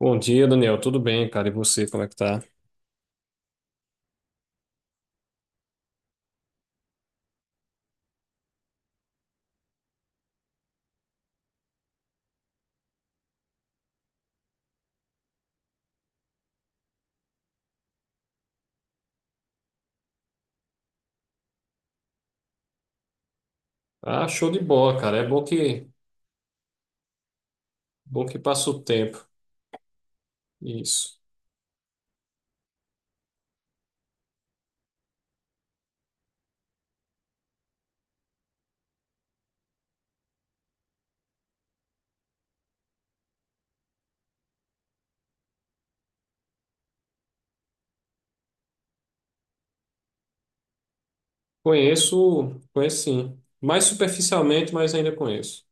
Bom dia, Daniel. Tudo bem, cara? E você, como é que tá? Ah, show de bola, cara. É bom que passa o tempo. Isso. Conheço, conheço sim. Mais superficialmente, mas ainda conheço.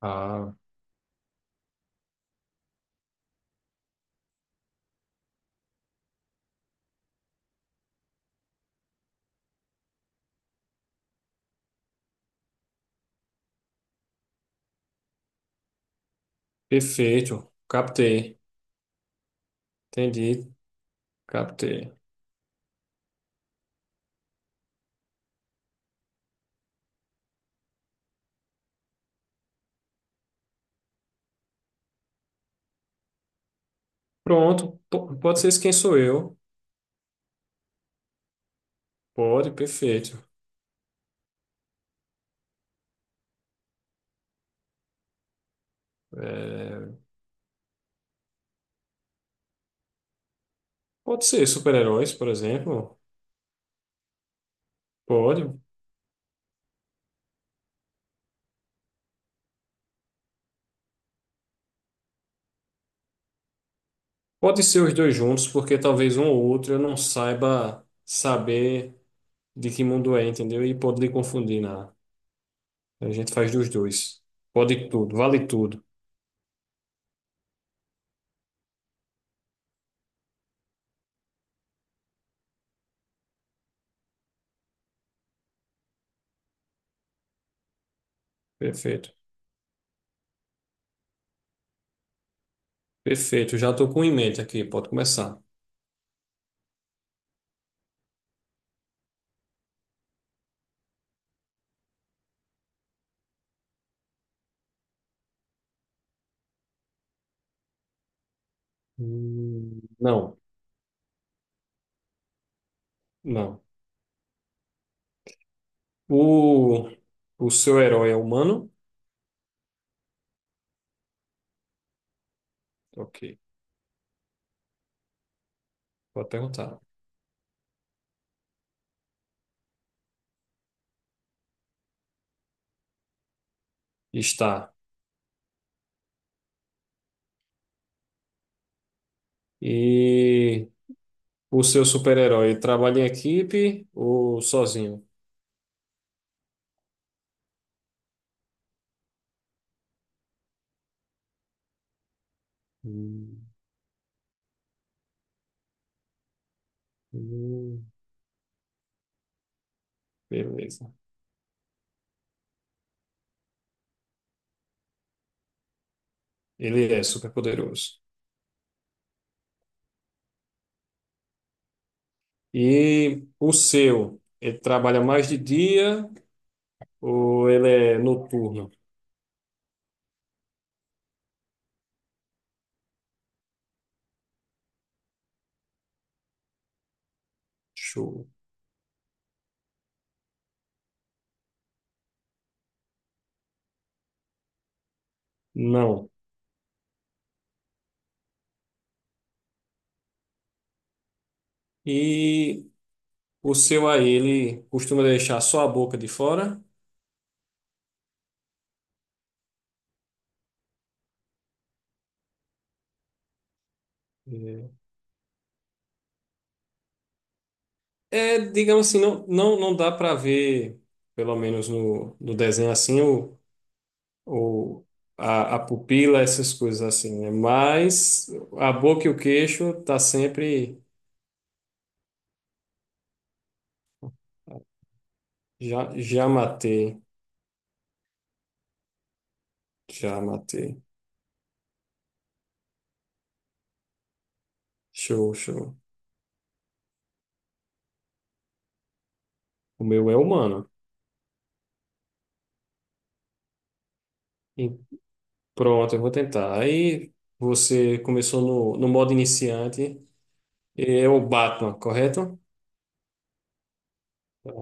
Ah, perfeito. Captei. Entendi. Captei. Pronto. Pode ser esse Quem Sou Eu. Pode, perfeito. É, pode ser super-heróis, por exemplo. Pode. Pode ser os dois juntos, porque talvez um ou outro eu não saiba saber de que mundo é, entendeu? E pode lhe confundir nada. A gente faz dos dois. Pode tudo, vale tudo. Perfeito. Perfeito. Já estou com em mente aqui, pode começar. Não, não. O, o seu herói é humano? Ok, pode perguntar. Está. E o seu super-herói trabalha em equipe ou sozinho? Hum, hum. Beleza. Ele é super poderoso. E o seu, ele trabalha mais de dia ou ele é noturno? Show. Não. E o seu aí, ele costuma deixar só a boca de fora? É, é, digamos assim, não, não, não dá para ver, pelo menos no desenho assim, o, a pupila, essas coisas assim, né? Mas a boca e o queixo tá sempre. Já matei, já matei. Show, show. O meu é humano. Pronto, eu vou tentar. Aí você começou no modo iniciante. É o Batman, correto?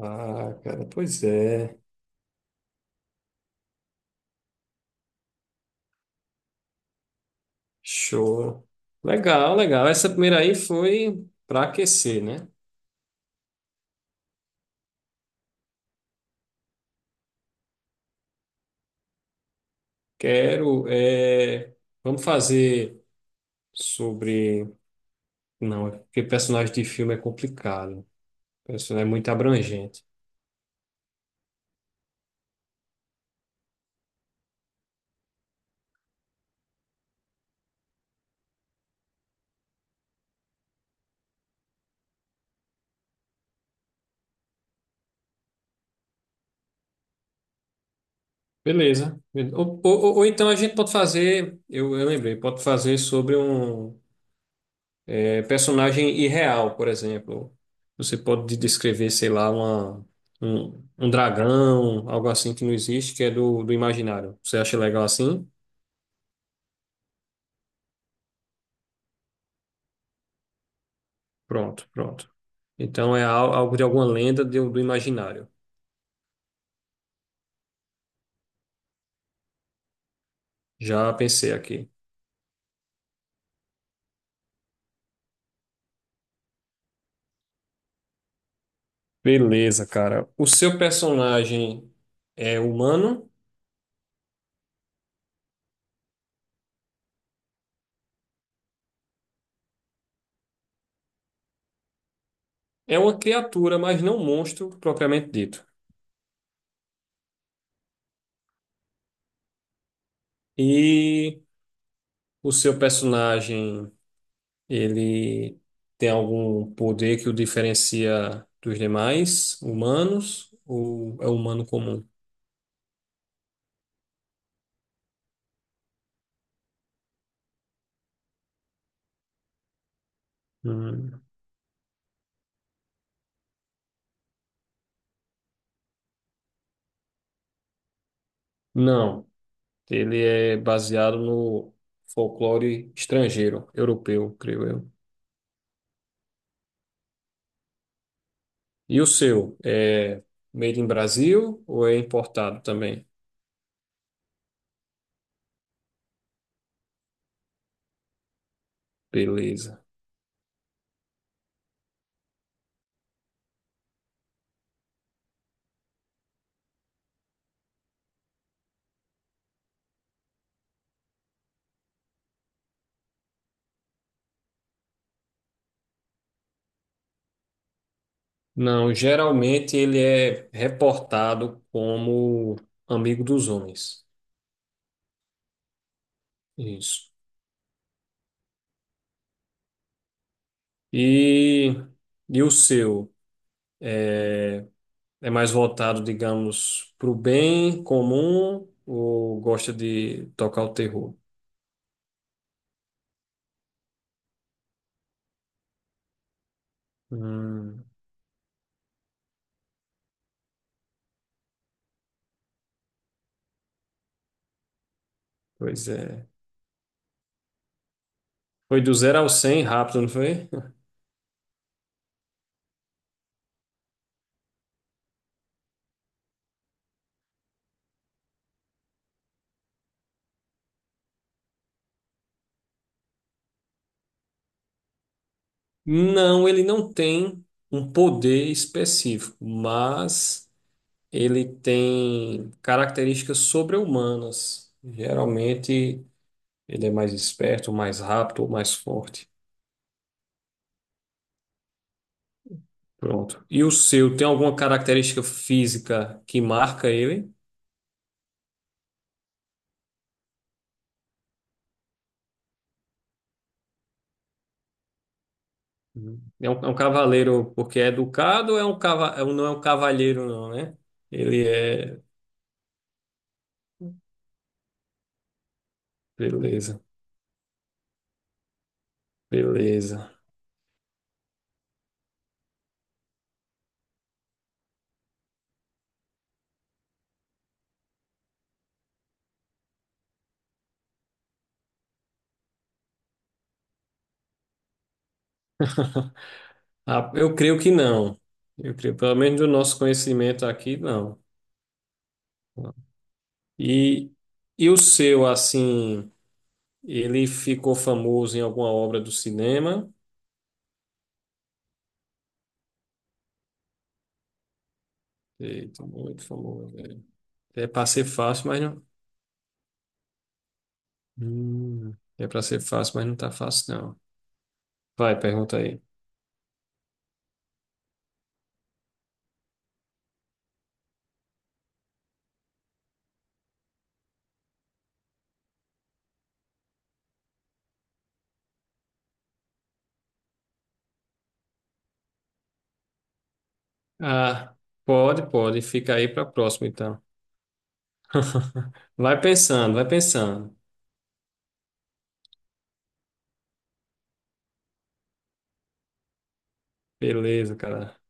Ah, cara, pois é. Show. Legal, legal. Essa primeira aí foi para aquecer, né? Quero. Vamos fazer sobre. Não, é porque personagem de filme é complicado. Personagem é muito abrangente. Beleza. Ou então a gente pode fazer. Eu lembrei, pode fazer sobre um. Personagem irreal, por exemplo. Você pode descrever, sei lá, um dragão, algo assim que não existe, que é do imaginário. Você acha legal assim? Pronto, pronto. Então é algo de alguma lenda do imaginário. Já pensei aqui. Beleza, cara. O seu personagem é humano? É uma criatura, mas não um monstro propriamente dito. E o seu personagem, ele tem algum poder que o diferencia dos demais humanos ou é humano comum? Hum, Não, ele é baseado no folclore estrangeiro, europeu, creio eu. E o seu é made in Brasil ou é importado também? Beleza. Não, geralmente ele é reportado como amigo dos homens. Isso. E, e o seu? é É mais voltado, digamos, para o bem comum ou gosta de tocar o terror? Hum, pois é. Foi do zero ao 100 rápido, não foi? Não, ele não tem um poder específico, mas ele tem características sobre-humanas. Geralmente, ele é mais esperto, mais rápido ou mais forte. Pronto. E o seu tem alguma característica física que marca ele? Uhum. É um cavaleiro porque é educado, ou não é um cavalheiro não, né? Ele é, beleza, beleza. Ah, eu creio que não. Eu creio, pelo menos do nosso conhecimento aqui, não. E, e o seu, assim, ele ficou famoso em alguma obra do cinema? Eita, muito famoso. É para ser fácil, mas não. É para ser fácil, mas não tá fácil, não. Vai, pergunta aí. Ah, pode, pode. Fica aí para próxima, então. Vai pensando, vai pensando. Beleza, cara.